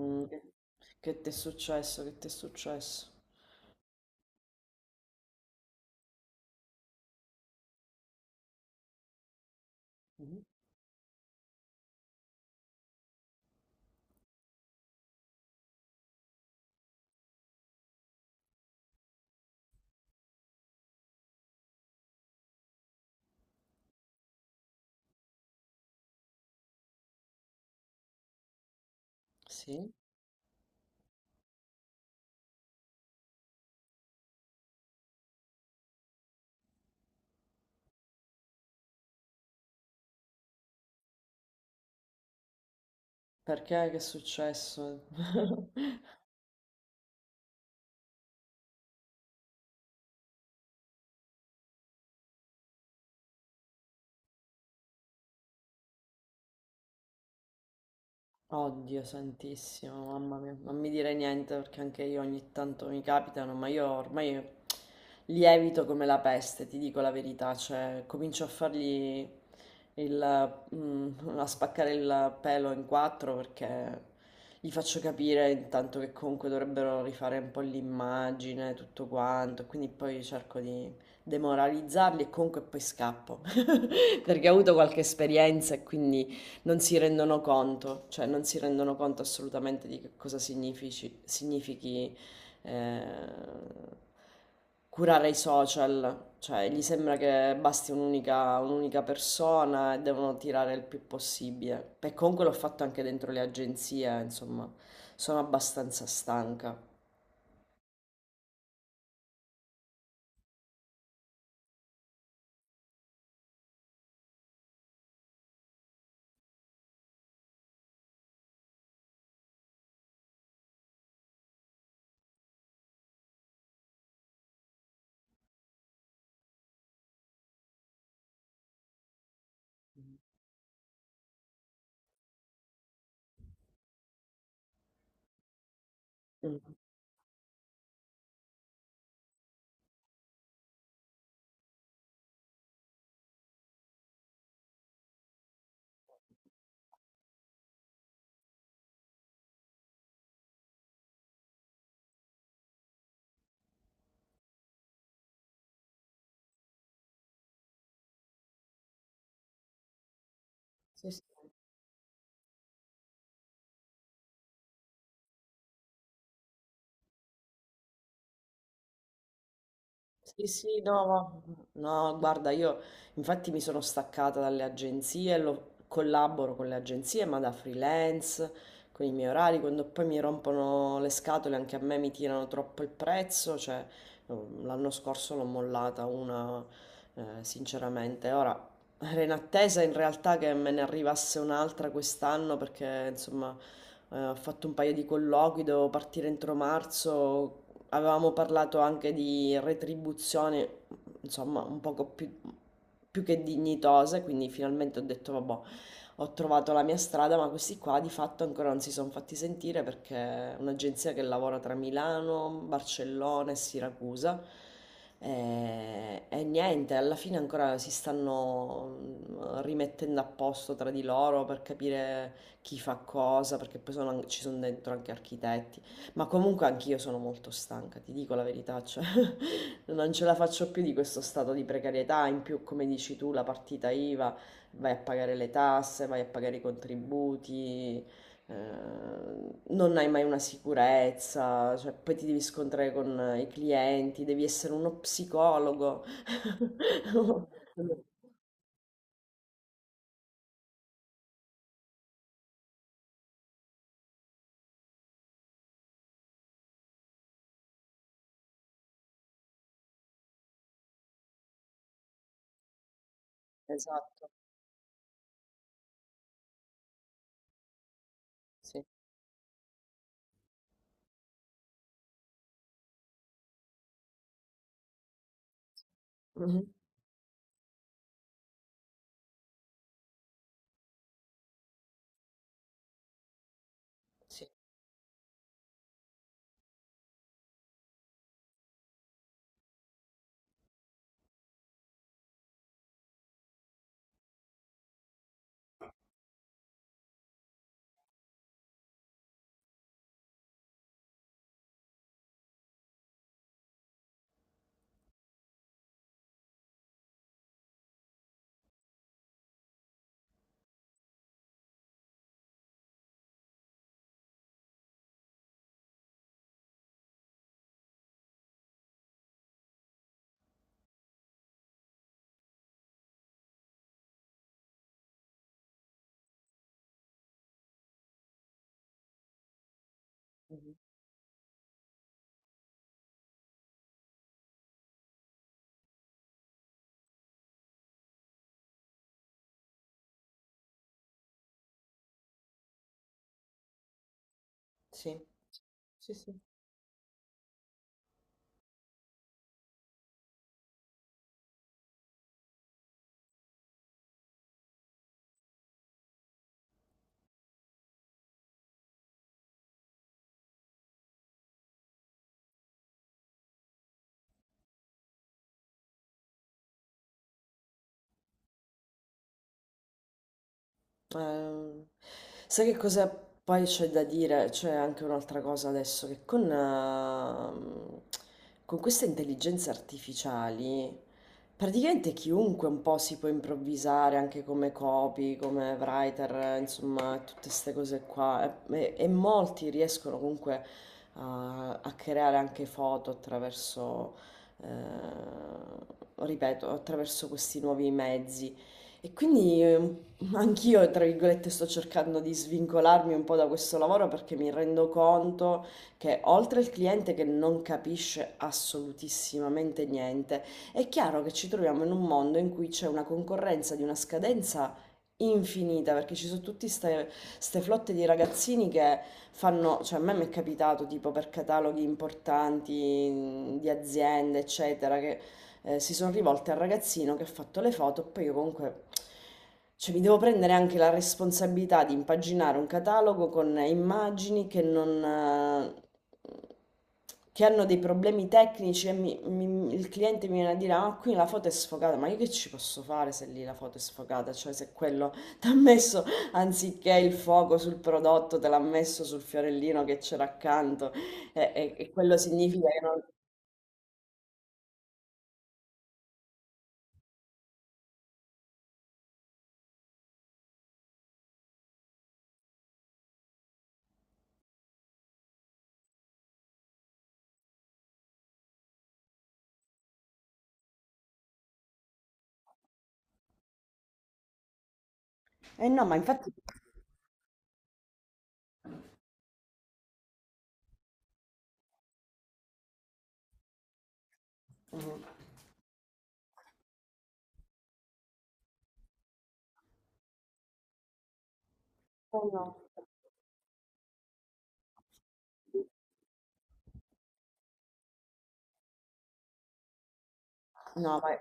Mm, che ti è successo? Che ti è successo? Mhm. Sì? Perché? Che è successo? Oddio santissimo, mamma mia, non mi dire niente perché anche io ogni tanto mi capitano, ma io ormai li evito come la peste, ti dico la verità, cioè comincio a fargli il, a spaccare il pelo in quattro perché gli faccio capire intanto che comunque dovrebbero rifare un po' l'immagine, tutto quanto, quindi poi cerco di demoralizzarli e comunque poi scappo perché ho avuto qualche esperienza e quindi... Non si rendono conto, cioè non si rendono conto assolutamente di che cosa significhi eh, curare i social, cioè gli sembra che basti un'unica persona e devono tirare il più possibile. E comunque l'ho fatto anche dentro le agenzie, insomma, sono abbastanza stanca. Mm. Sì, sì. Sì, sì, no, guarda, io infatti mi sono staccata dalle agenzie, collaboro con le agenzie, ma da freelance, con i miei orari, quando poi mi rompono le scatole, anche a me mi tirano troppo il prezzo, cioè l'anno scorso l'ho mollata una, sinceramente. Ora, era in attesa in realtà che me ne arrivasse un'altra quest'anno perché, insomma, ho fatto un paio di colloqui, devo partire entro marzo, avevamo parlato anche di retribuzione, insomma, un poco più, più che dignitose, quindi finalmente ho detto, vabbè, ho trovato la mia strada, ma questi qua di fatto ancora non si sono fatti sentire perché è un'agenzia che lavora tra Milano, Barcellona e Siracusa. E niente, alla fine ancora si stanno rimettendo a posto tra di loro per capire chi fa cosa, perché poi ci sono dentro anche architetti, ma comunque anch'io sono molto stanca, ti dico la verità, cioè non ce la faccio più di questo stato di precarietà, in più come dici tu la partita IVA, vai a pagare le tasse, vai a pagare i contributi, eh, non hai mai una sicurezza, cioè, poi ti devi scontrare con i clienti, devi essere uno psicologo. Esatto, sì. Mhm. Sì, mhm, sì, sì, sì. Ehm, sai che cosa poi c'è da dire? C'è anche un'altra cosa adesso, che con con queste intelligenze artificiali, praticamente chiunque un po' si può improvvisare anche come copy, come writer, insomma, tutte queste cose qua. E molti riescono comunque a creare anche foto attraverso, ripeto, attraverso questi nuovi mezzi. E quindi un anch'io, tra virgolette, sto cercando di svincolarmi un po' da questo lavoro perché mi rendo conto che oltre al cliente che non capisce assolutissimamente niente, è chiaro che ci troviamo in un mondo in cui c'è una concorrenza di una scadenza infinita perché ci sono tutte queste flotte di ragazzini che fanno, cioè a me mi è capitato tipo per cataloghi importanti di aziende, eccetera, che si sono rivolte al ragazzino che ha fatto le foto, poi io comunque cioè, mi devo prendere anche la responsabilità di impaginare un catalogo con immagini che non... che hanno dei problemi tecnici e il cliente mi viene a dire, ah, qui la foto è sfocata, ma io che ci posso fare se lì la foto è sfocata? Cioè se quello ti ha messo, anziché il fuoco sul prodotto, te l'ha messo sul fiorellino che c'era accanto e quello significa che non... Eh no, ma infatti... Eh no. No, ma,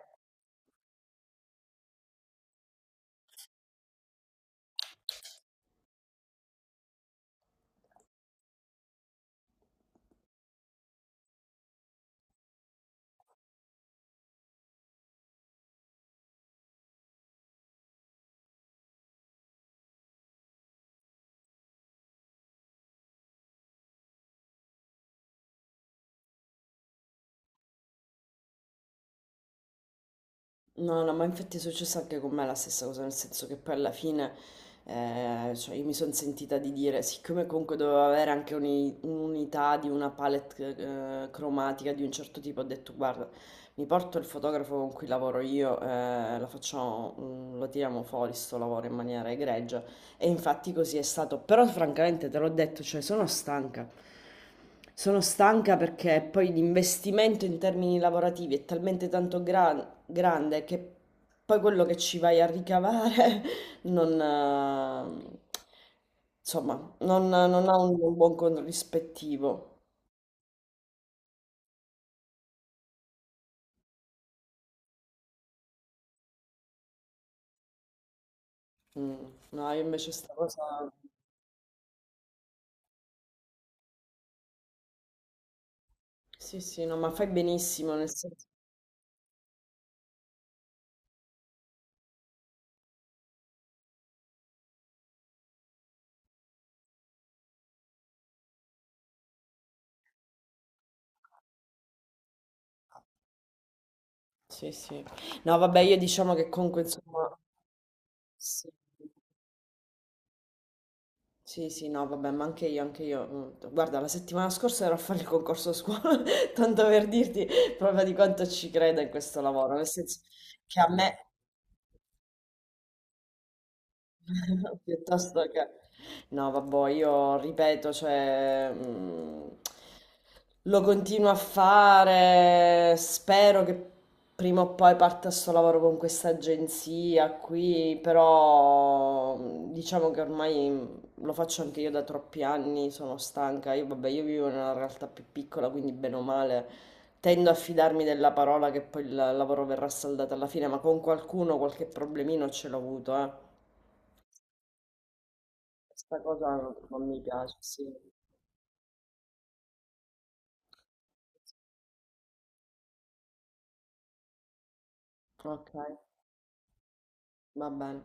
no, no, ma infatti è successo anche con me la stessa cosa, nel senso che poi alla fine cioè io mi sono sentita di dire, siccome comunque dovevo avere anche un'unità di una palette cromatica di un certo tipo, ho detto guarda, mi porto il fotografo con cui lavoro io, lo facciamo, lo tiriamo fuori sto lavoro in maniera egregia e infatti così è stato, però francamente te l'ho detto, cioè sono stanca. Sono stanca perché poi l'investimento in termini lavorativi è talmente tanto grande, che poi quello che ci vai a ricavare non, insomma, non, non ha un buon corrispettivo. Mm. No, io invece sta cosa... Sì, sì, no, ma fai benissimo, nel senso... Sì, sì. No, vabbè, io diciamo che comunque, insomma... Sì, sì, sì, no, vabbè, ma anche io, anche io. Guarda, la settimana scorsa ero a fare il concorso a scuola, tanto per dirti proprio di quanto ci creda in questo lavoro, nel senso che a me... Piuttosto che... No, vabbè, io ripeto, cioè, lo continuo a fare, spero che prima o poi parta sto lavoro con questa agenzia qui, però diciamo che ormai lo faccio anche io da troppi anni, sono stanca, io vabbè, io vivo in una realtà più piccola, quindi bene o male tendo a fidarmi della parola che poi il lavoro verrà saldato alla fine, ma con qualcuno qualche problemino ce l'ho avuto, eh. Questa cosa non mi piace, sì. Okay, va bene.